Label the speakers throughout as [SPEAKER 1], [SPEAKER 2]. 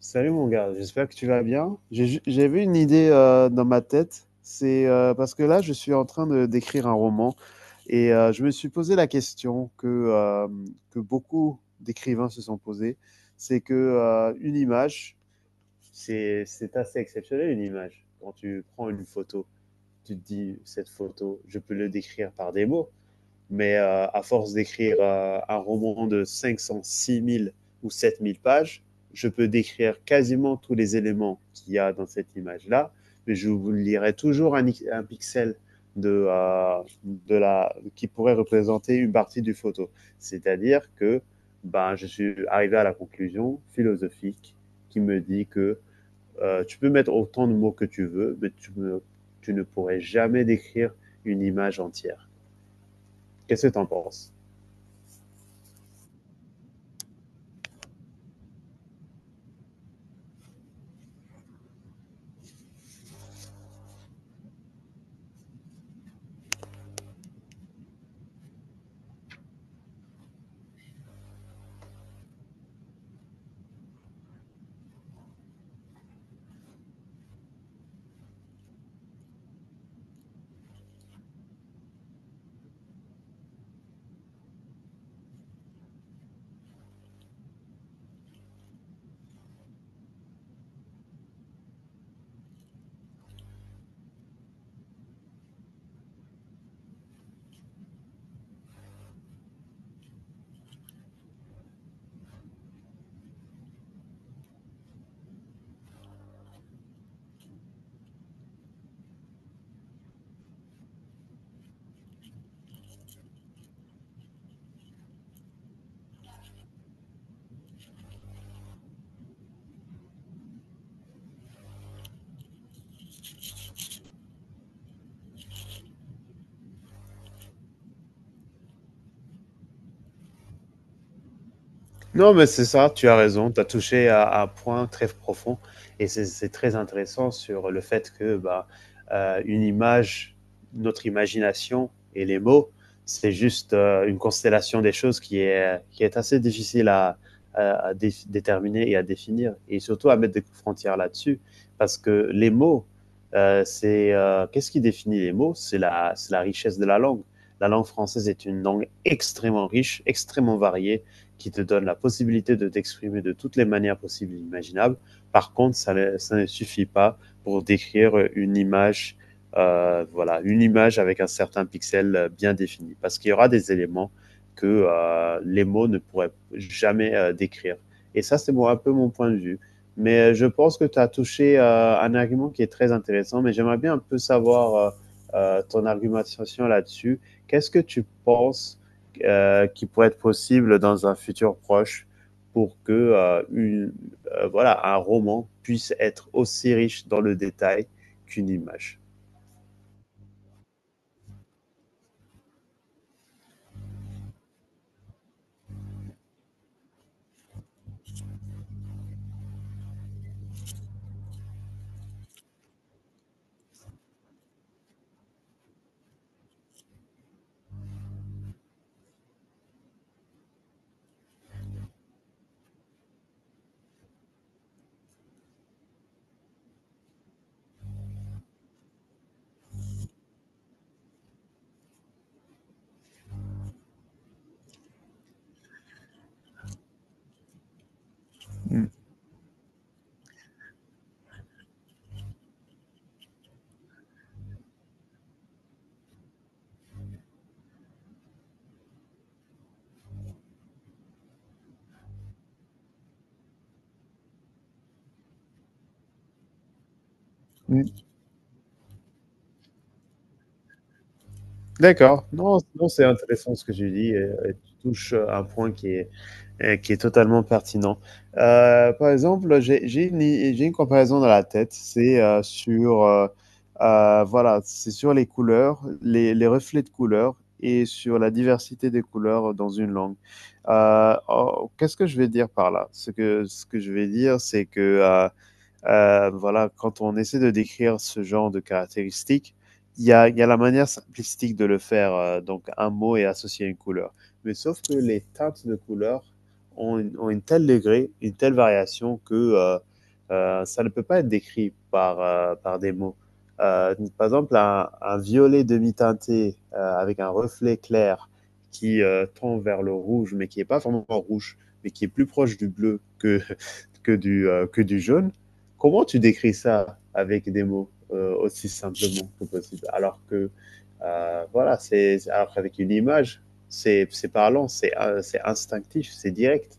[SPEAKER 1] Salut mon gars, j'espère que tu vas bien. J'avais une idée dans ma tête. C'est parce que là je suis en train de d'écrire un roman je me suis posé la question que beaucoup d'écrivains se sont posés. C'est que une image, c'est assez exceptionnel, une image. Quand tu prends une photo, tu te dis cette photo, je peux le décrire par des mots. Mais à force d'écrire un roman de 500, 6 000 ou 7 000 pages, je peux décrire quasiment tous les éléments qu'il y a dans cette image-là, mais je vous lirai toujours un pixel qui pourrait représenter une partie du photo. C'est-à-dire que ben, je suis arrivé à la conclusion philosophique qui me dit que tu peux mettre autant de mots que tu veux, mais tu ne pourrais jamais décrire une image entière. Qu'est-ce que tu en penses? Non, mais c'est ça, tu as raison, tu as touché à un point très profond et c'est très intéressant sur le fait que bah, une image, notre imagination et les mots, c'est juste une constellation des choses qui est assez difficile à, déterminer et à définir, et surtout à mettre des frontières là-dessus, parce que les mots, c'est qu'est-ce qui définit les mots? C'est la richesse de la langue. La langue française est une langue extrêmement riche, extrêmement variée, qui te donne la possibilité de t'exprimer de toutes les manières possibles et imaginables. Par contre, ça ne suffit pas pour décrire une image, voilà, une image avec un certain pixel bien défini, parce qu'il y aura des éléments que les mots ne pourraient jamais décrire. Et ça, c'est moi, un peu mon point de vue. Mais je pense que tu as touché un argument qui est très intéressant, mais j'aimerais bien un peu savoir ton argumentation là-dessus. Qu'est-ce que tu penses qui pourrait être possible dans un futur proche pour que un roman puisse être aussi riche dans le détail qu'une image. D'accord. Non, non, c'est intéressant ce que tu dis, et tu touches un point qui est totalement pertinent. Par exemple, j'ai une comparaison dans la tête. C'est c'est sur les couleurs, les reflets de couleurs et sur la diversité des couleurs dans une langue. Oh, Qu'est-ce que je vais dire par là? Ce que je vais dire, c'est que voilà, quand on essaie de décrire ce genre de caractéristiques, il y a, y a la manière simplistique de le faire, donc un mot et associer une couleur. Mais sauf que les teintes de couleurs ont une telle degré, une telle variation que ça ne peut pas être décrit par, par des mots. Par exemple, un violet demi-teinté avec un reflet clair qui tend vers le rouge, mais qui n'est pas vraiment rouge, mais qui est plus proche du bleu que, que du jaune. Comment tu décris ça avec des mots aussi simplement que possible? C'est alors qu'avec une image, c'est parlant, c'est instinctif, c'est direct.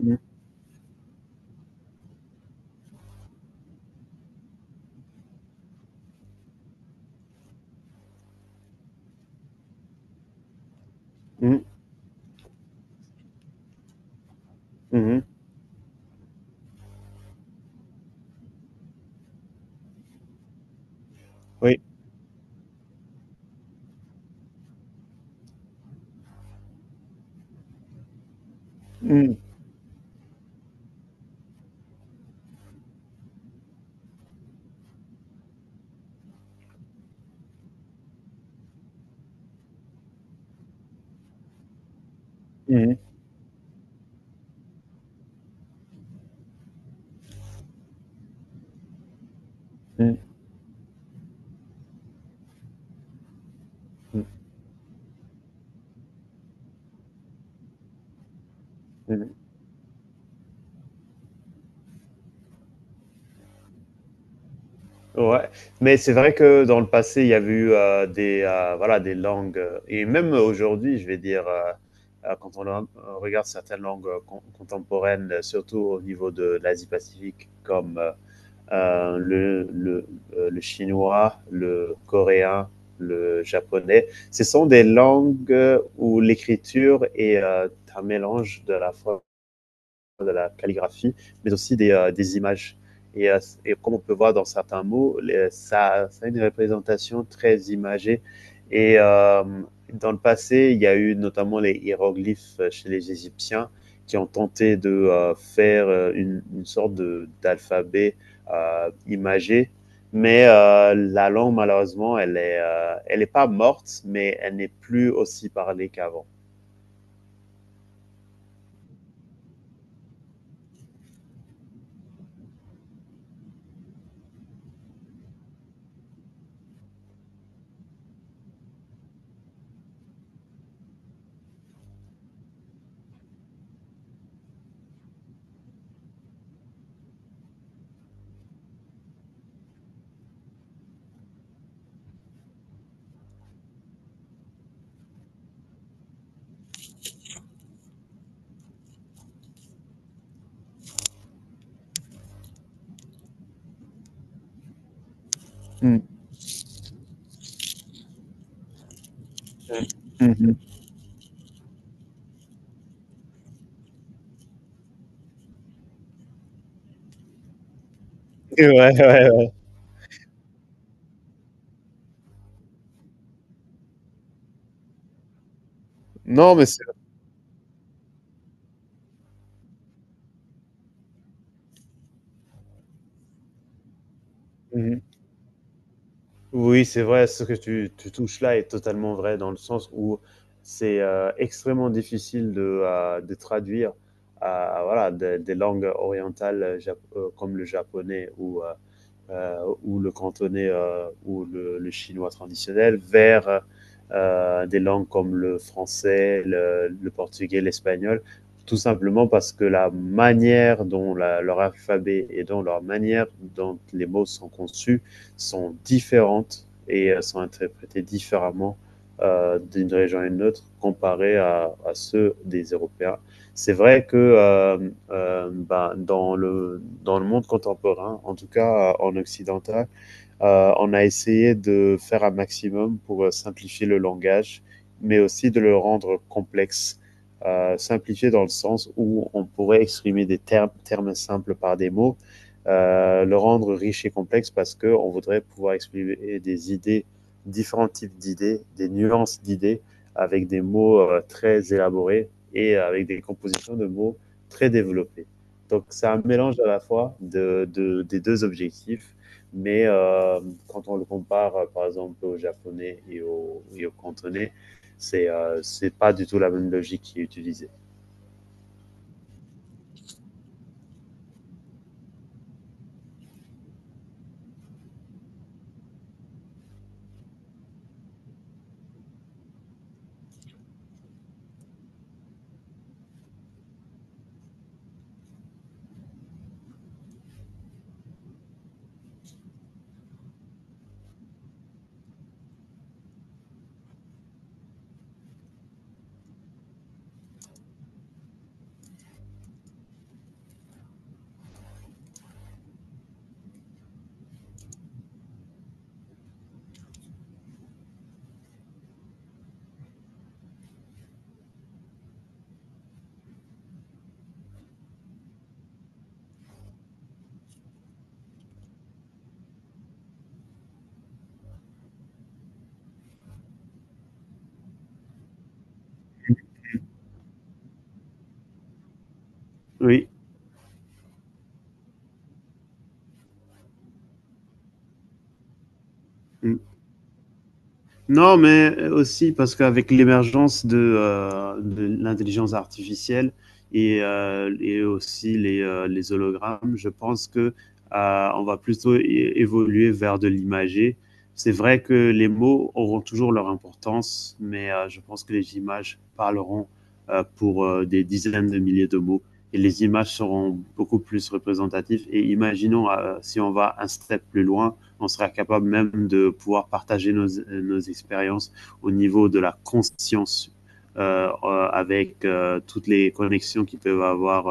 [SPEAKER 1] Mm, mm, mhm. Oui. Mm, mhm, mm, mm, mhm. Ouais, mais c'est vrai que dans le passé, il y avait eu des langues, et même aujourd'hui, je vais dire, quand on regarde certaines langues contemporaines, surtout au niveau de l'Asie-Pacifique, comme euh, le, le, le chinois, le coréen, le japonais. Ce sont des langues où l'écriture est un mélange de la fois de la calligraphie, mais aussi des images. Et, euh, et, comme on peut voir dans certains mots, ça, ça a une représentation très imagée. Et dans le passé, il y a eu notamment les hiéroglyphes chez les Égyptiens qui ont tenté de faire une sorte d'alphabet imagé. Mais la langue, malheureusement, elle est pas morte, mais elle n'est plus aussi parlée qu'avant. Mmh. Mmh. Ouais, ouais, ouais. Non, mais c'est… Mmh. Oui, c'est vrai, ce que tu touches là est totalement vrai dans le sens où c'est extrêmement difficile de traduire voilà, des langues orientales comme le japonais euh, ou le cantonais ou le, chinois traditionnel vers des langues comme le français, le portugais, l'espagnol, tout simplement parce que la manière dont la, leur alphabet et dont leur manière dont les mots sont conçus sont différentes et sont interprétés différemment d'une région à une autre comparé à, ceux des Européens. C'est vrai que bah, dans le monde contemporain, en tout cas en occidental, on a essayé de faire un maximum pour simplifier le langage, mais aussi de le rendre complexe. Simplifié dans le sens où on pourrait exprimer des termes, termes simples par des mots, le rendre riche et complexe parce qu'on voudrait pouvoir exprimer des idées, différents types d'idées, des nuances d'idées avec des mots très élaborés et avec des compositions de mots très développées. Donc c'est un mélange à la fois de, des deux objectifs, mais quand on le compare par exemple au japonais et au cantonais, c'est pas du tout la même logique qui est utilisée. Oui. Non, mais aussi parce qu'avec l'émergence de l'intelligence artificielle et aussi les hologrammes, je pense que on va plutôt évoluer vers de l'imagé. C'est vrai que les mots auront toujours leur importance, mais je pense que les images parleront pour des dizaines de milliers de mots et les images seront beaucoup plus représentatives. Et imaginons si on va un step plus loin, on sera capable même de pouvoir partager nos, nos expériences au niveau de la conscience avec toutes les connexions qu'ils peuvent avoir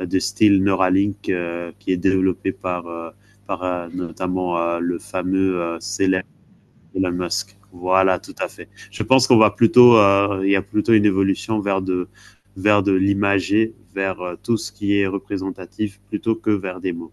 [SPEAKER 1] de style Neuralink qui est développé par, notamment le fameux, célèbre Elon Musk. Voilà, tout à fait. Je pense qu'on va plutôt, il y a plutôt une évolution vers de l'imager, vers tout ce qui est représentatif plutôt que vers des mots.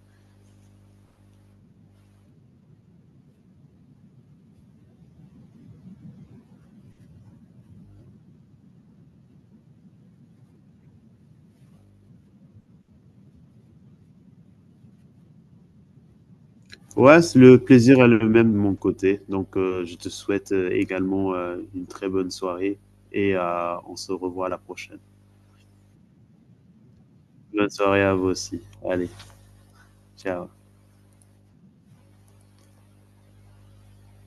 [SPEAKER 1] Ouais, le plaisir est le même de mon côté. Donc, je te souhaite également une très bonne soirée, et on se revoit à la prochaine. Bonne soirée à vous aussi. Allez, ciao.